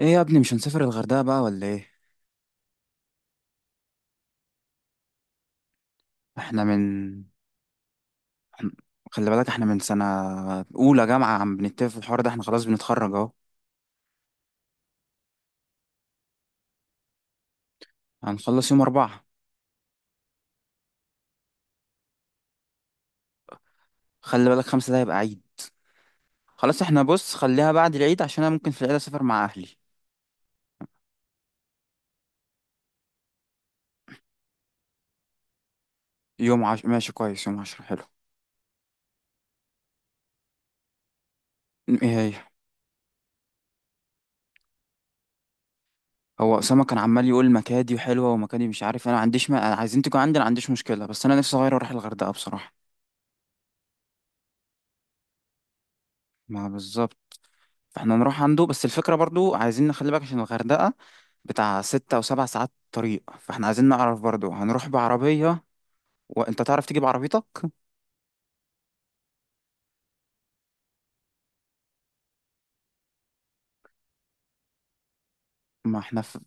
ايه يا ابني، مش هنسافر الغردقة بقى ولا ايه؟ احنا من إحنا- خلي بالك احنا من سنة اولى جامعة عم بنتفق في الحوار ده، احنا خلاص بنتخرج اهو. هنخلص يوم 4. خلي بالك خمسة ده هيبقى عيد. خلاص احنا بص، خليها بعد العيد عشان انا ممكن في العيد اسافر مع اهلي. ماشي، كويس، يوم 10 حلو. ايه هي؟ هو اسامة كان عمال يقول مكادي وحلوة ومكادي مش عارف إيه، انا ما عنديش ما... أنا عايزين تيجوا عندي، انا ما عنديش مشكلة بس انا نفسي اغير واروح الغردقة بصراحة. ما بالظبط. فاحنا نروح عنده بس الفكرة برضو عايزين نخلي بالك عشان الغردقة بتاع ستة أو سبع ساعات طريق، فاحنا عايزين نعرف برضو هنروح بعربية وانت تعرف تجيب عربيتك. ما احنا في...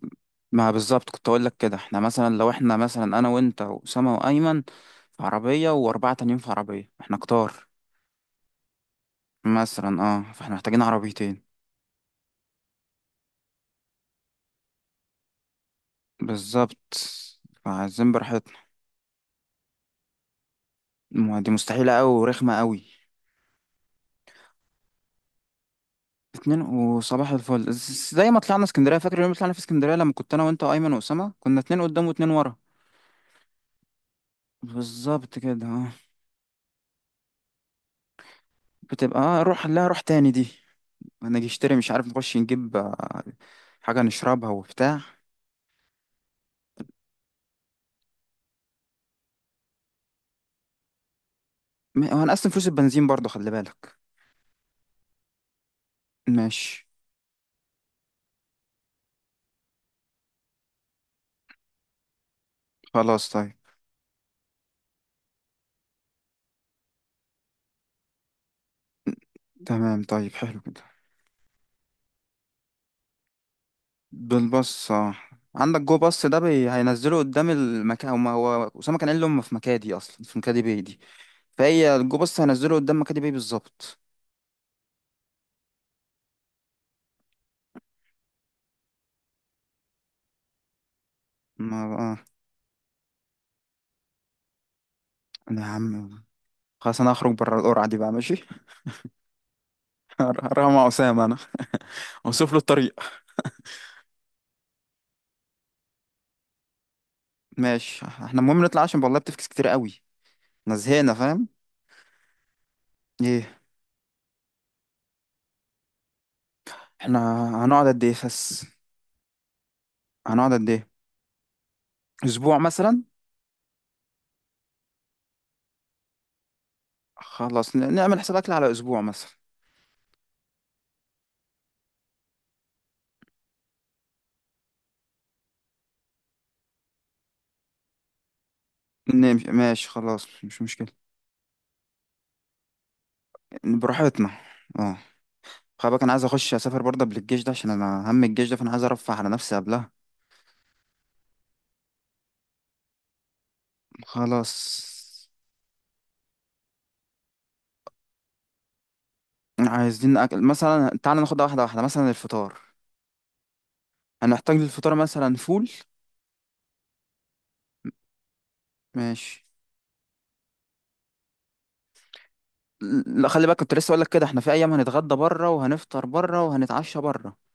ما بالظبط كنت أقول لك كده، احنا مثلا لو احنا مثلا أنا وأنت وأسامة وأيمن في عربية وأربعة تانيين في عربية، احنا كتار. مثلا اه، فاحنا محتاجين عربيتين. بالظبط، فعايزين براحتنا. ما دي مستحيلة أوي ورخمة أوي. اتنين وصباح الفل، زي ما طلعنا اسكندرية، فاكر يوم ما طلعنا في اسكندرية لما كنت أنا وأنت وأيمن وأسامة؟ كنا اتنين قدام واتنين ورا. بالظبط كده، آه. بتبقى اه روح لا روح تاني دي. انا اجي اشتري مش عارف نخش نجيب حاجة نشربها وبتاع. هو انا اصلا فلوس البنزين برضه خلي بالك. ماشي. خلاص طيب. تمام طيب، حلو كده. بالبص اه، عندك جو باص ده، هينزله قدام المكان. هو اسامه كان قال لي هم في مكادي اصلا في مكادي باي دي. فهي الجو باص هينزله قدام مكادي باي بالظبط. ما بقى. انا يا عم، خلاص انا هخرج بره القرعه دي بقى، ماشي. هروح مع اسامه انا، اوصف له الطريق. ماشي، احنا المهم نطلع عشان والله بتفكس كتير قوي، احنا زهقنا فاهم. ايه؟ احنا هنقعد قد ايه بس؟ هنقعد قد ايه؟ اسبوع مثلا. خلاص نعمل حساب اكل على اسبوع مثلا. نمشي ماشي خلاص مش مشكلة. براحتنا، اه. خلي بالك انا عايز اخش اسافر برضه قبل الجيش ده عشان انا هم الجيش ده، فانا عايز ارفه على نفسي قبلها. خلاص. عايزين اكل مثلا تعالى ناخدها واحدة واحدة، مثلا الفطار هنحتاج للفطار مثلا فول. ماشي. لا خلي بالك كنت لسه اقول لك كده، احنا في ايام هنتغدى بره وهنفطر بره وهنتعشى بره.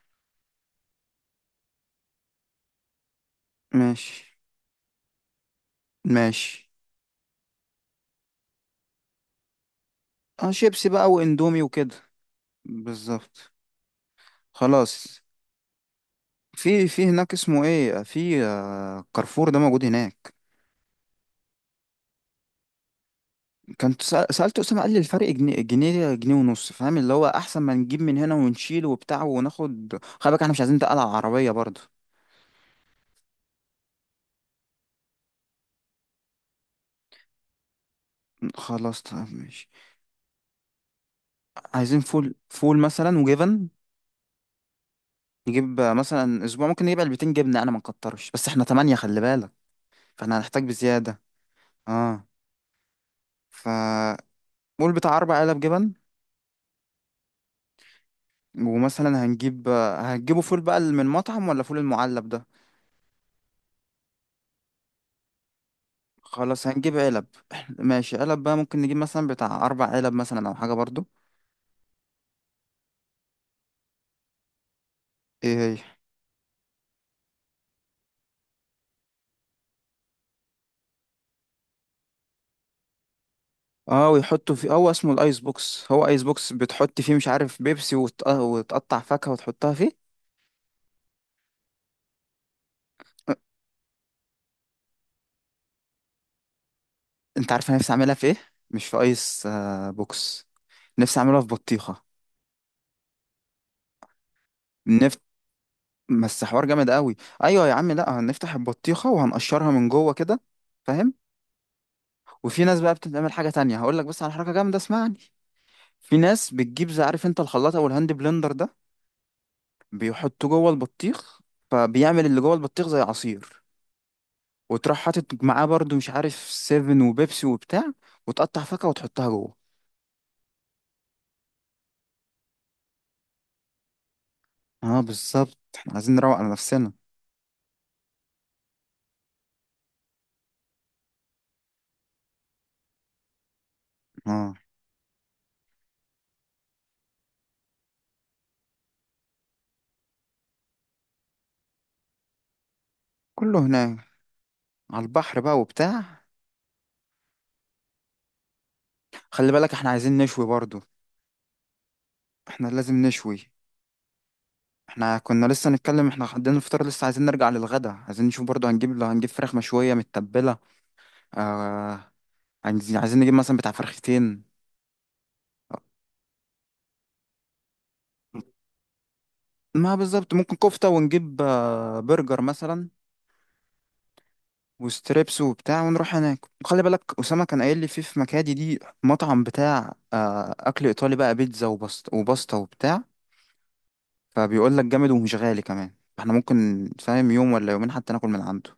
ماشي ماشي. اه شيبسي بقى واندومي وكده. بالظبط. خلاص. في هناك اسمه ايه، في كارفور ده موجود هناك. كنت سألت أسامة قال لي الفرق جنيه، جنيه جنيه ونص فاهم، اللي هو أحسن ما نجيب من هنا ونشيل وبتاع وناخد. خلي بالك احنا مش عايزين نتقل على العربية برضه. خلاص طب ماشي. عايزين فول فول مثلا وجبن. نجيب مثلا أسبوع ممكن نجيب علبتين جبنة أنا ما نكترش بس احنا تمانية خلي بالك، فاحنا هنحتاج بزيادة. اه ف قول بتاع أربع علب جبن. ومثلا هتجيبوا فول بقى من مطعم ولا فول المعلب ده؟ خلاص هنجيب علب ماشي علب بقى ممكن نجيب مثلا بتاع اربع علب مثلا او حاجه برضو. ايه هي؟ اه ويحطوا فيه، هو اسمه الايس بوكس. هو ايس بوكس بتحط فيه مش عارف بيبسي وتقطع فاكهه وتحطها فيه. أه. انت عارف انا نفسي اعملها في ايه؟ مش في ايس بوكس. نفسي اعملها في بطيخه. نفت بس حوار جامد قوي. ايوه يا عم، لا هنفتح البطيخه وهنقشرها من جوه كده فاهم. وفي ناس بقى بتعمل حاجة تانية هقول لك، بس على حركة جامدة اسمعني. في ناس بتجيب زي عارف انت الخلاط او الهاند بلندر ده، بيحطوه جوه البطيخ، فبيعمل اللي جوه البطيخ زي عصير، وتروح حاطط معاه برضو مش عارف سيفن وبيبسي وبتاع، وتقطع فاكهة وتحطها جوه. اه بالظبط، احنا عايزين نروق على نفسنا. اه كله هناك على البحر بقى وبتاع. خلي بالك احنا عايزين نشوي برضو. احنا لازم نشوي. احنا كنا لسه نتكلم، احنا عندنا الفطار لسه عايزين نرجع للغدا. عايزين نشوف برضو هنجيب، لو هنجيب فراخ مشوية متبلة، آه عايزين نجيب مثلا بتاع فرختين. ما بالظبط، ممكن كفتة ونجيب برجر مثلا وستريبس وبتاع، ونروح هناك. وخلي بالك أسامة كان قايل لي في مكادي دي مطعم بتاع أكل إيطالي بقى بيتزا وبسط وباستا وبتاع. فبيقول لك جامد ومش غالي كمان، احنا ممكن فاهم يوم ولا يومين حتى ناكل من عنده.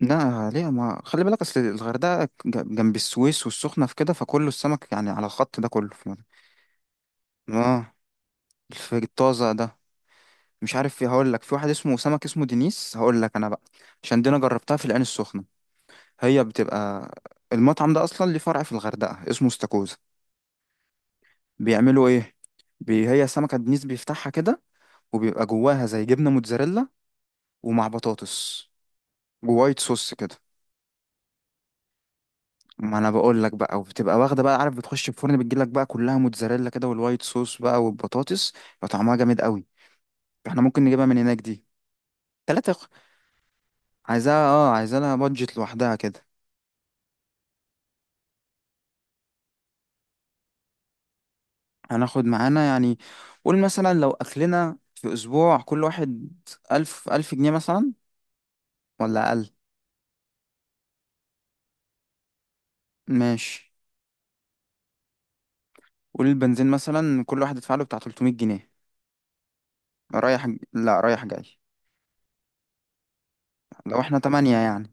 لا ليه، ما خلي بالك اصل الغردقة جنب السويس والسخنة في كده، فكله السمك يعني على الخط ده كله في مرة. اه. الطازة ده. مش عارف في هقول لك، في واحد اسمه سمك اسمه دينيس هقول لك انا بقى، عشان دي انا جربتها في العين السخنه. هي بتبقى، المطعم ده اصلا ليه فرع في الغردقه اسمه استاكوزا، بيعملوا ايه، هي سمكه دينيس بيفتحها كده وبيبقى جواها زي جبنه موتزاريلا ومع بطاطس ووايت صوص كده. ما انا بقول لك بقى، وبتبقى واخده بقى عارف بتخش الفرن بتجي لك بقى كلها موتزاريلا كده والوايت صوص بقى والبطاطس يبقى طعمها جامد قوي. احنا ممكن نجيبها من هناك دي. تلاتة. عايزاها، اه عايزاها لها بادجت لوحدها كده. هناخد معانا يعني، قول مثلا لو أكلنا في أسبوع كل واحد ألف، 1000 جنيه مثلا، ولا أقل. ماشي، قول البنزين مثلا كل واحد يدفع له بتاع 300 جنيه. رايح؟ لا رايح جاي. لو احنا تمانية يعني.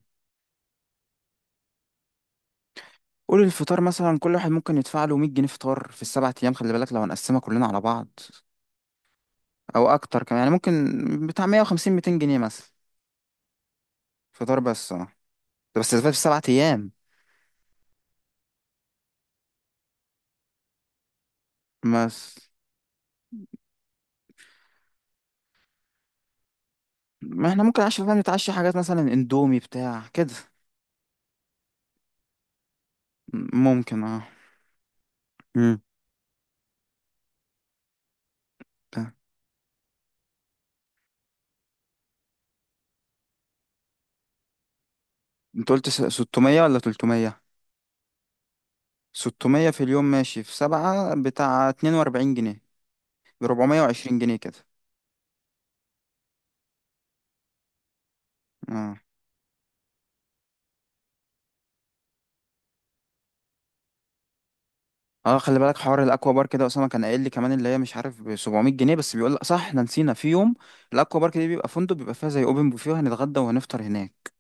قول الفطار مثلا كل واحد ممكن يدفع له 100 جنيه فطار في السبع أيام خلي بالك لو هنقسمها كلنا على بعض، أو أكتر كمان يعني ممكن بتاع 150 200 جنيه مثلا. فطار بس اه، ده بس في السبع أيام بس. ما احنا ممكن عشان نتعشى حاجات مثلا اندومي بتاع كده، ممكن. اه امم تمام. انت قلت 600 ولا 300 600 في اليوم ماشي، في 7 بتاع 42 جنيه، ب 420 جنيه كده. اه. اه خلي بالك حوار الاكوا بارك ده اسامه كان قايل لي كمان، اللي هي مش عارف ب 700 جنيه بس، بيقول لك صح احنا نسينا في يوم، الاكوا بارك دي بيبقى فندق بيبقى فيها زي اوبن بوفيه وهنتغدى وهنفطر هناك.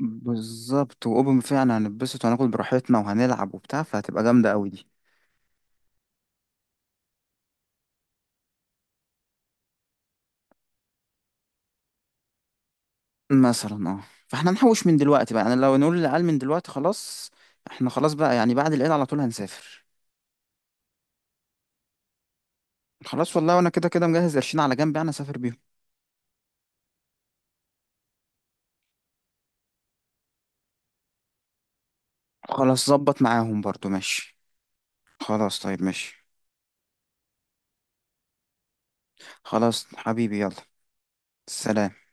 بالظبط، واوبن بوفيه يعني هنتبسط وهناكل براحتنا وهنلعب وبتاع فهتبقى جامده قوي دي. مثلا اه، فاحنا نحوش من دلوقتي بقى، يعني لو نقول للعيال من دلوقتي خلاص احنا خلاص بقى يعني بعد العيد على طول هنسافر. خلاص والله وانا كده كده مجهز قرشين على جنب يعني اسافر بيهم. خلاص ظبط معاهم برضو ماشي. خلاص طيب ماشي. خلاص حبيبي يلا، سلام.